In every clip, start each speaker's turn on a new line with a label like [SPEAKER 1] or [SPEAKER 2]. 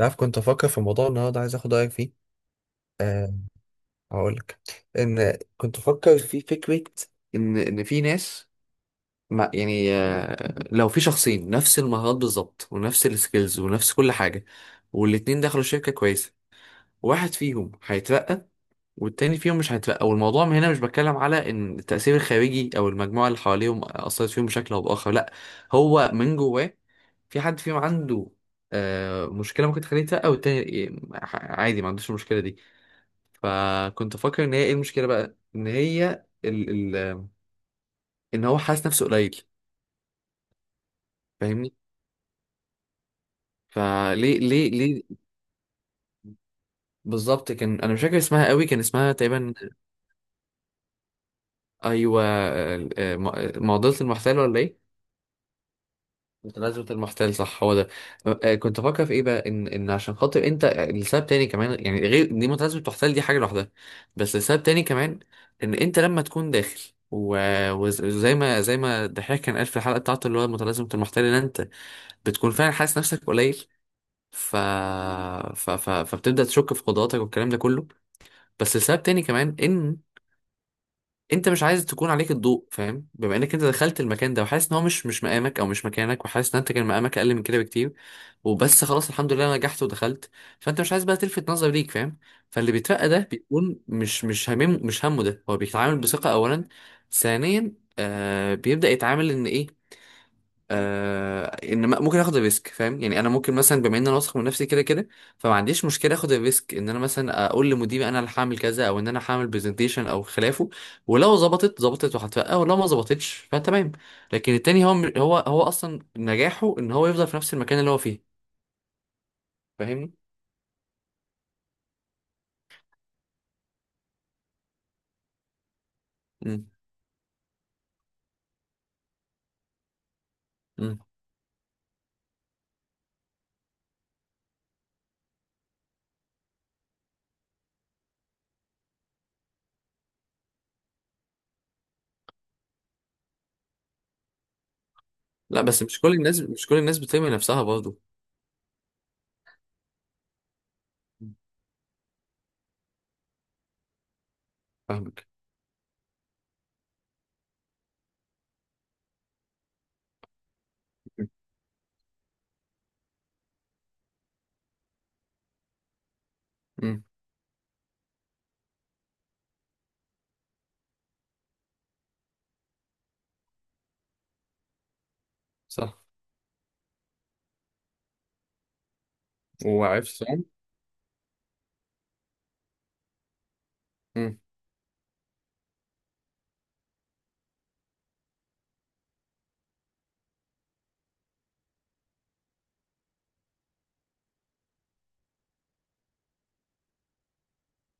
[SPEAKER 1] عارف، كنت افكر في موضوع النهارده، عايز اخد رايك فيه. هقولك. ان كنت افكر في فكره، ان في ناس، ما يعني. لو في شخصين نفس المهارات بالظبط ونفس السكيلز ونفس كل حاجه، والاتنين دخلوا شركه كويسه، واحد فيهم هيترقى والتاني فيهم مش هيترقى. والموضوع من هنا، مش بتكلم على ان التاثير الخارجي او المجموعه اللي حواليهم اثرت فيهم بشكل او باخر. لا، هو من جواه. في حد فيهم عنده مشكله ممكن تخليه يترقى، والتاني عادي ما عندوش المشكله دي. فكنت فاكر ان هي ايه المشكله بقى، ان هي ال ال ان هو حاسس نفسه قليل. فاهمني؟ فليه ليه ليه. بالظبط، كان انا مش فاكر اسمها قوي، كان اسمها تقريبا... ايوه، معضله المحتال ولا ايه؟ متنازلة المحتال، صح، هو ده. كنت بفكر في ايه بقى، ان عشان خاطر انت لسبب تاني كمان، يعني غير دي. متنازلة المحتال دي حاجة لوحدها، بس لسبب تاني كمان، ان انت لما تكون داخل، و- وز- وزي ما زي ما الدحيح كان قال في الحلقة بتاعته، اللي هو متلازمة المحتال، ان انت بتكون فعلا حاسس نفسك قليل. ف... فبتبدأ تشك في قدراتك والكلام ده كله. بس لسبب تاني كمان، ان انت مش عايز تكون عليك الضوء، فاهم؟ بما انك انت دخلت المكان ده وحاسس ان هو مش مقامك او مش مكانك، وحاسس ان انت كان مقامك اقل من كده بكتير، وبس خلاص الحمد لله انا نجحت ودخلت. فانت مش عايز بقى تلفت نظر ليك، فاهم؟ فاللي بيترقى ده بيكون مش مش همم مش همه. ده هو بيتعامل بثقة اولا، ثانيا بيبدأ يتعامل ان ايه، ممكن اخد الريسك، فاهم؟ يعني انا ممكن مثلا، بما ان انا واثق من نفسي كده كده، فما عنديش مشكله اخد الريسك، ان انا مثلا اقول لمديري انا اللي هعمل كذا، او ان انا هعمل برزنتيشن او خلافه. ولو ظبطت ظبطت وهترقى، ولو ما ظبطتش فتمام. لكن التاني، هو هو اصلا نجاحه ان هو يفضل في نفس المكان اللي هو فيه، فاهمني؟ امم. امم. لا بس مش كل الناس بترمي نفسها برضه. مم. فاهمك. امم. صح. وعرفت. صح. امم.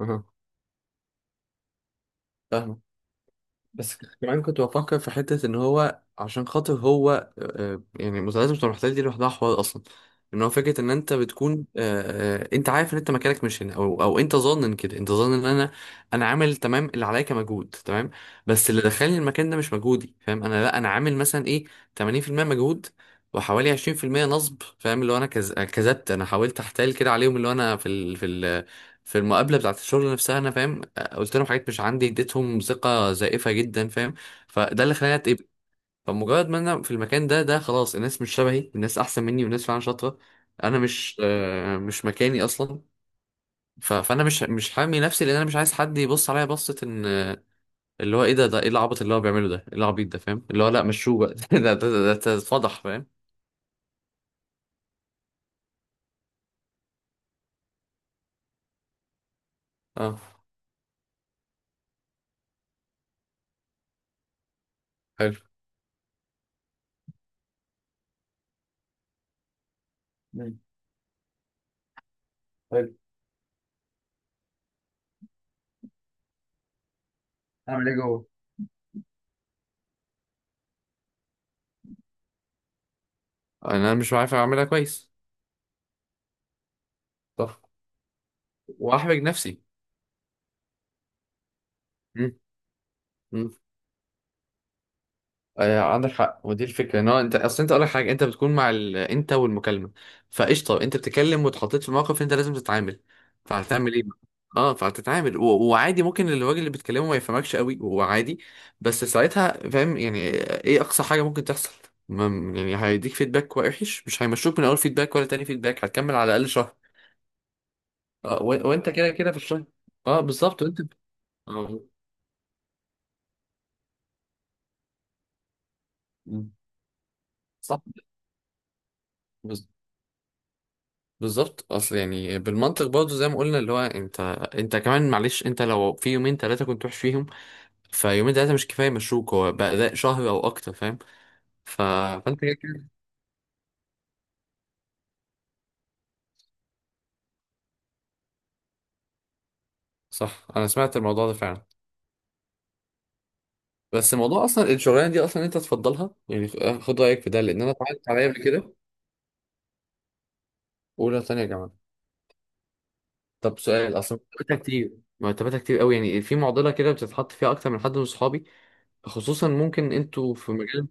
[SPEAKER 1] أها. فاهمك. بس كمان كنت بفكر في حتة، إن هو عشان خاطر هو، يعني المسلسلات بتوع المحتل دي لوحدها حوار أصلا. إن هو فكرة إن أنت بتكون، أنت عارف إن أنت مكانك مش هنا، أو أنت ظانن كده، أنت ظانن إن أنا عامل تمام اللي عليا كمجهود تمام. بس اللي دخلني المكان ده مش مجهودي، فاهم؟ أنا لأ، أنا عامل مثلا إيه، 80% مجهود وحوالي 20% نصب، فاهم؟ اللي هو أنا كذبت، أنا حاولت أحتال كده عليهم، اللي هو أنا في المقابلة بتاعت الشغل نفسها. أنا فاهم؟ قلت لهم حاجات مش عندي، اديتهم ثقة زائفة جدا، فاهم؟ فده اللي خلاني اتقبل. فمجرد ما انا في المكان ده، خلاص، الناس مش شبهي، الناس احسن مني، والناس فعلا شاطرة. انا مش، مكاني اصلا. فانا مش حامي نفسي، لان انا مش عايز حد يبص عليا بصة ان، اللي هو ايه ده، ايه العبط اللي هو بيعمله ده، ايه العبيط ده، فاهم؟ اللي هو لا، مشوه بقى ده اتفضح، فاهم؟ اه. حلو. مم. حلو. اعمل ايه جوه؟ انا مش عارف اعملها كويس. صح. واحرج نفسي. مم. مم. عندك حق. ودي الفكره، ان هو انت، اصل انت اقول لك حاجه، انت بتكون مع انت والمكالمه، فقشطه. انت بتتكلم واتحطيت في موقف، انت لازم تتعامل. صح، فهتعمل ايه بقى؟ اه، فهتتعامل وعادي، ممكن الراجل اللي بيتكلمه ما يفهمكش قوي، وعادي. بس ساعتها فاهم يعني، ايه اقصى حاجه ممكن تحصل؟ ما... يعني هيديك فيدباك وحش؟ مش هيمشوك من اول فيدباك ولا تاني فيدباك، هتكمل على الاقل شهر. وانت كده كده في الشهر. اه، بالظبط. وانت اه. صح، بالظبط. اصل يعني بالمنطق برضه زي ما قلنا، اللي هو انت كمان معلش، انت لو في يومين ثلاثه كنت وحش فيهم، فيومين ثلاثه مش كفايه مشروك. هو بقى ده شهر او اكتر، فاهم؟ ف... فانت كده كده. صح، انا سمعت الموضوع ده فعلا. بس الموضوع اصلا، الشغلانه دي اصلا انت تفضلها يعني، خد رايك في ده، لان انا اتعرضت عليا قبل كده. اولى ثانيه يا جماعه. طب سؤال، اصلا مرتباتها كتير؟ مرتباتها كتير قوي يعني، في معضله كده بتتحط فيها اكتر من حد من صحابي. خصوصا ممكن انتوا في مجال.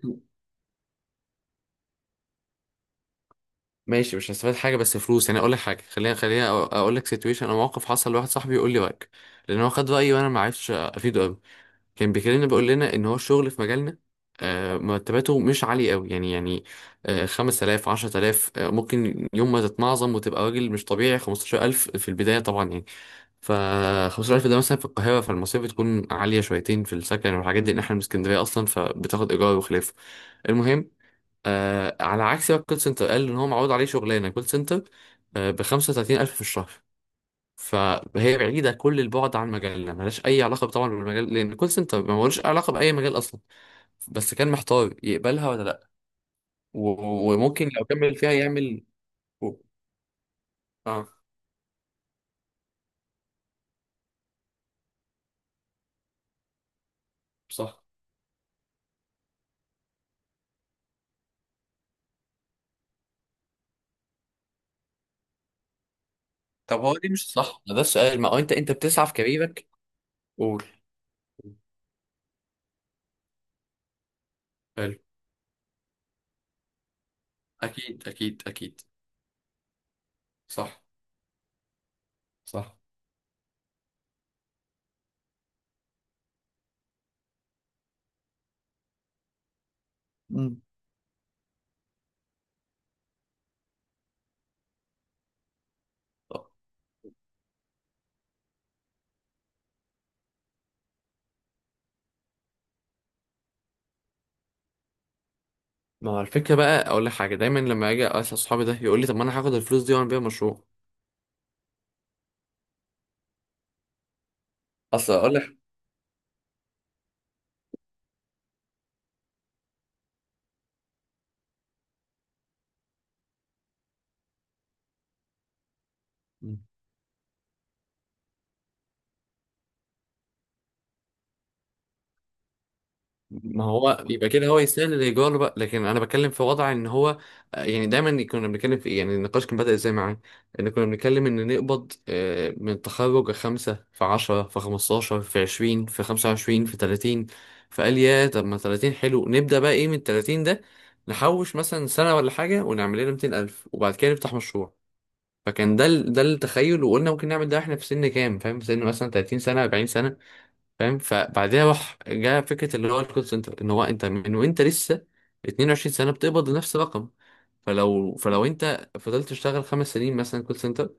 [SPEAKER 1] ماشي مش هستفاد حاجه بس فلوس، يعني اقول لك حاجه، خليها اقول لك سيتويشن او موقف حصل لواحد صاحبي، يقول لي رايك. لان هو خد رايي وانا ما عرفتش افيده قوي. كان بيكلمنا، بيقول لنا ان هو الشغل في مجالنا، مرتباته مش عاليه قوي، يعني، 5000، 10000، ممكن يوم ما تتنعظم وتبقى راجل مش طبيعي 15000، في البدايه طبعا يعني. ف 15000 ده مثلا في القاهره، فالمصاريف بتكون عاليه شويتين في السكن والحاجات دي، ان احنا من اسكندريه اصلا، فبتاخد ايجار وخلافه. المهم، على عكس بقى الكول سنتر، قال ان هو معروض عليه شغلانه كول سنتر، ب 35000 في الشهر. فهي بعيده كل البعد عن مجالنا، ملهاش اي علاقه طبعا بالمجال، لان الكول سنتر ما ملوش علاقه باي مجال اصلا. بس كان محتار يقبلها ولا لا، وممكن لو كمل فيها يعمل. اه، صح. طب هو دي مش صح؟ ما ده السؤال، ما هو انت بتسعى في كاريرك. قول. حلو. اكيد، اكيد، اكيد. صح، صح. ما هو الفكرة بقى، أقول لك حاجة، دايما لما أجي أسأل صحابي ده، يقول لي طب ما أنا هاخد الفلوس دي وأعمل بيها مشروع. أصل أقول لك. ما هو يبقى كده هو يستاهل الإيجار بقى، لكن أنا بتكلم في وضع إن هو، يعني دايما كنا بنتكلم في إيه، يعني النقاش كان بدأ إزاي معاه، إن كنا بنتكلم إن نقبض، من التخرج، 5 في 10 في 15 في 20 في 25 في 30. فقال: يا طب ما 30 حلو، نبدأ بقى إيه من التلاتين ده، نحوش مثلا سنة ولا حاجة ونعمل لنا 200,000 وبعد كده نفتح مشروع. فكان ده ده التخيل. وقلنا ممكن نعمل ده احنا في سن كام فاهم، في سن مثلا 30 سنه 40 سنه، فاهم؟ فبعدها راح جاء فكره اللي هو الكول سنتر، ان هو انت من وانت لسه 22 سنه بتقبض نفس الرقم. فلو انت فضلت تشتغل خمس سنين مثلا كول سنتر،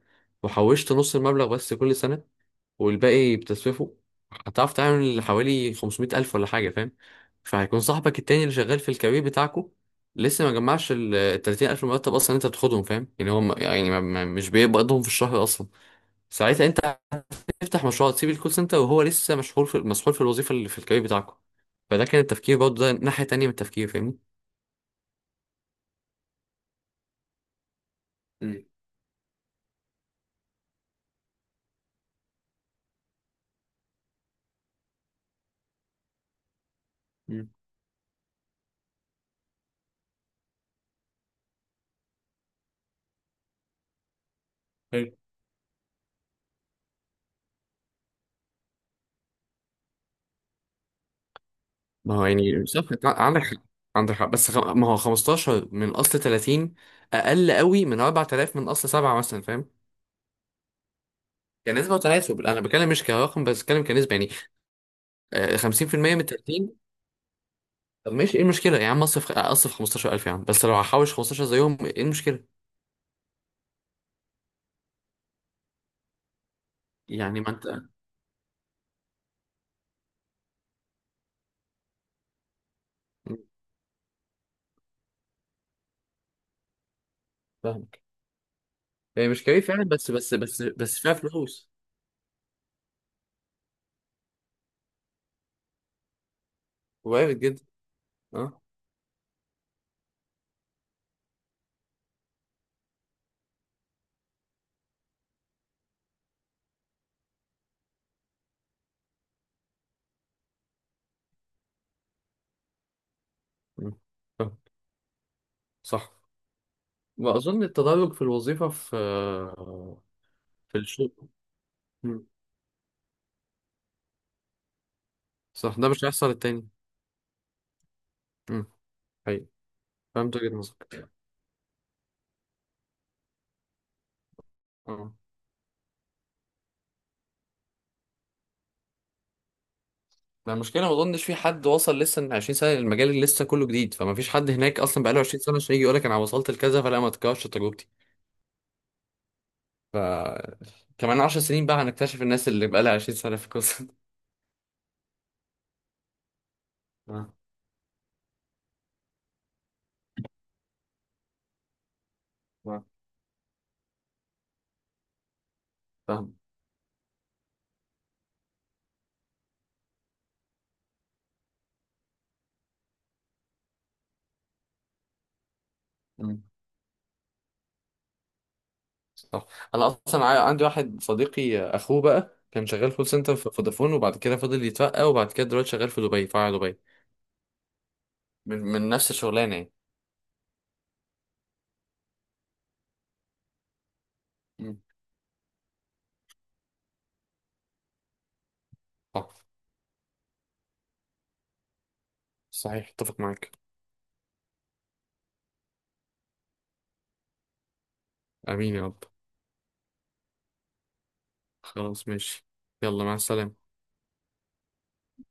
[SPEAKER 1] وحوشت نص المبلغ بس كل سنه والباقي بتسويفه، هتعرف تعمل حوالي 500 ألف ولا حاجة، فاهم؟ فهيكون صاحبك التاني اللي شغال في الكارير بتاعكو لسه ما جمعش ال 30 ألف مرتب، أصلا أنت بتاخدهم فاهم يعني، هو مش بيقبضهم في الشهر أصلا. ساعتها أنت هتفتح مشروع تسيب الكول سنتر، وهو لسه مشغول في مسحول في الوظيفة اللي في الكارير بتاعكو. فده كان التفكير برضه، ده ناحية تانية من التفكير، فاهمني؟ مم. مم. حلو. ما هو يعني صح، عندك حق. عندك حق، بس ما هو 15 من اصل 30 اقل قوي من 4000 من اصل 7 مثلا، فاهم؟ كنسبة وتناسب، انا بتكلم مش كرقم بس، بتكلم كنسبة يعني. 50% من 30. طب ماشي، ايه المشكلة يا عم؟ اصرف اصرف 15000 يا عم، بس لو هحوش 15 زيهم، ايه المشكلة؟ يعني ما انت فاهمك. هي مش كيف فعلا، بس فيها فلوس. وارد جدا. اه. م. فاهم. صح. واظن التدرج في الوظيفة، في الشغل. م. صح، ده مش هيحصل التاني. م. حقيقي. فهمت وجهة نظرك. اه. ما المشكلة، ما اظنش في حد وصل لسه من 20 سنة للمجال اللي لسه كله جديد، فما فيش حد هناك اصلا بقاله 20 سنة عشان يجي يقول لك انا وصلت لكذا، فلا، ما تكررش تجربتي. كمان 10 سنين بقى هنكتشف الناس اللي بقالها 20 سنة في القصة دي. آه، آه، فاهم. مم، صح. انا اصلا عندي واحد صديقي، اخوه بقى كان شغال كول سنتر في فودافون، وبعد كده فضل يترقى، وبعد كده دلوقتي شغال في دبي، في فرع دبي. من نفس الشغلانة يعني. مم، صح. صحيح، اتفق معاك. امين يا رب. خلاص ماشي. يلا، مع السلامة.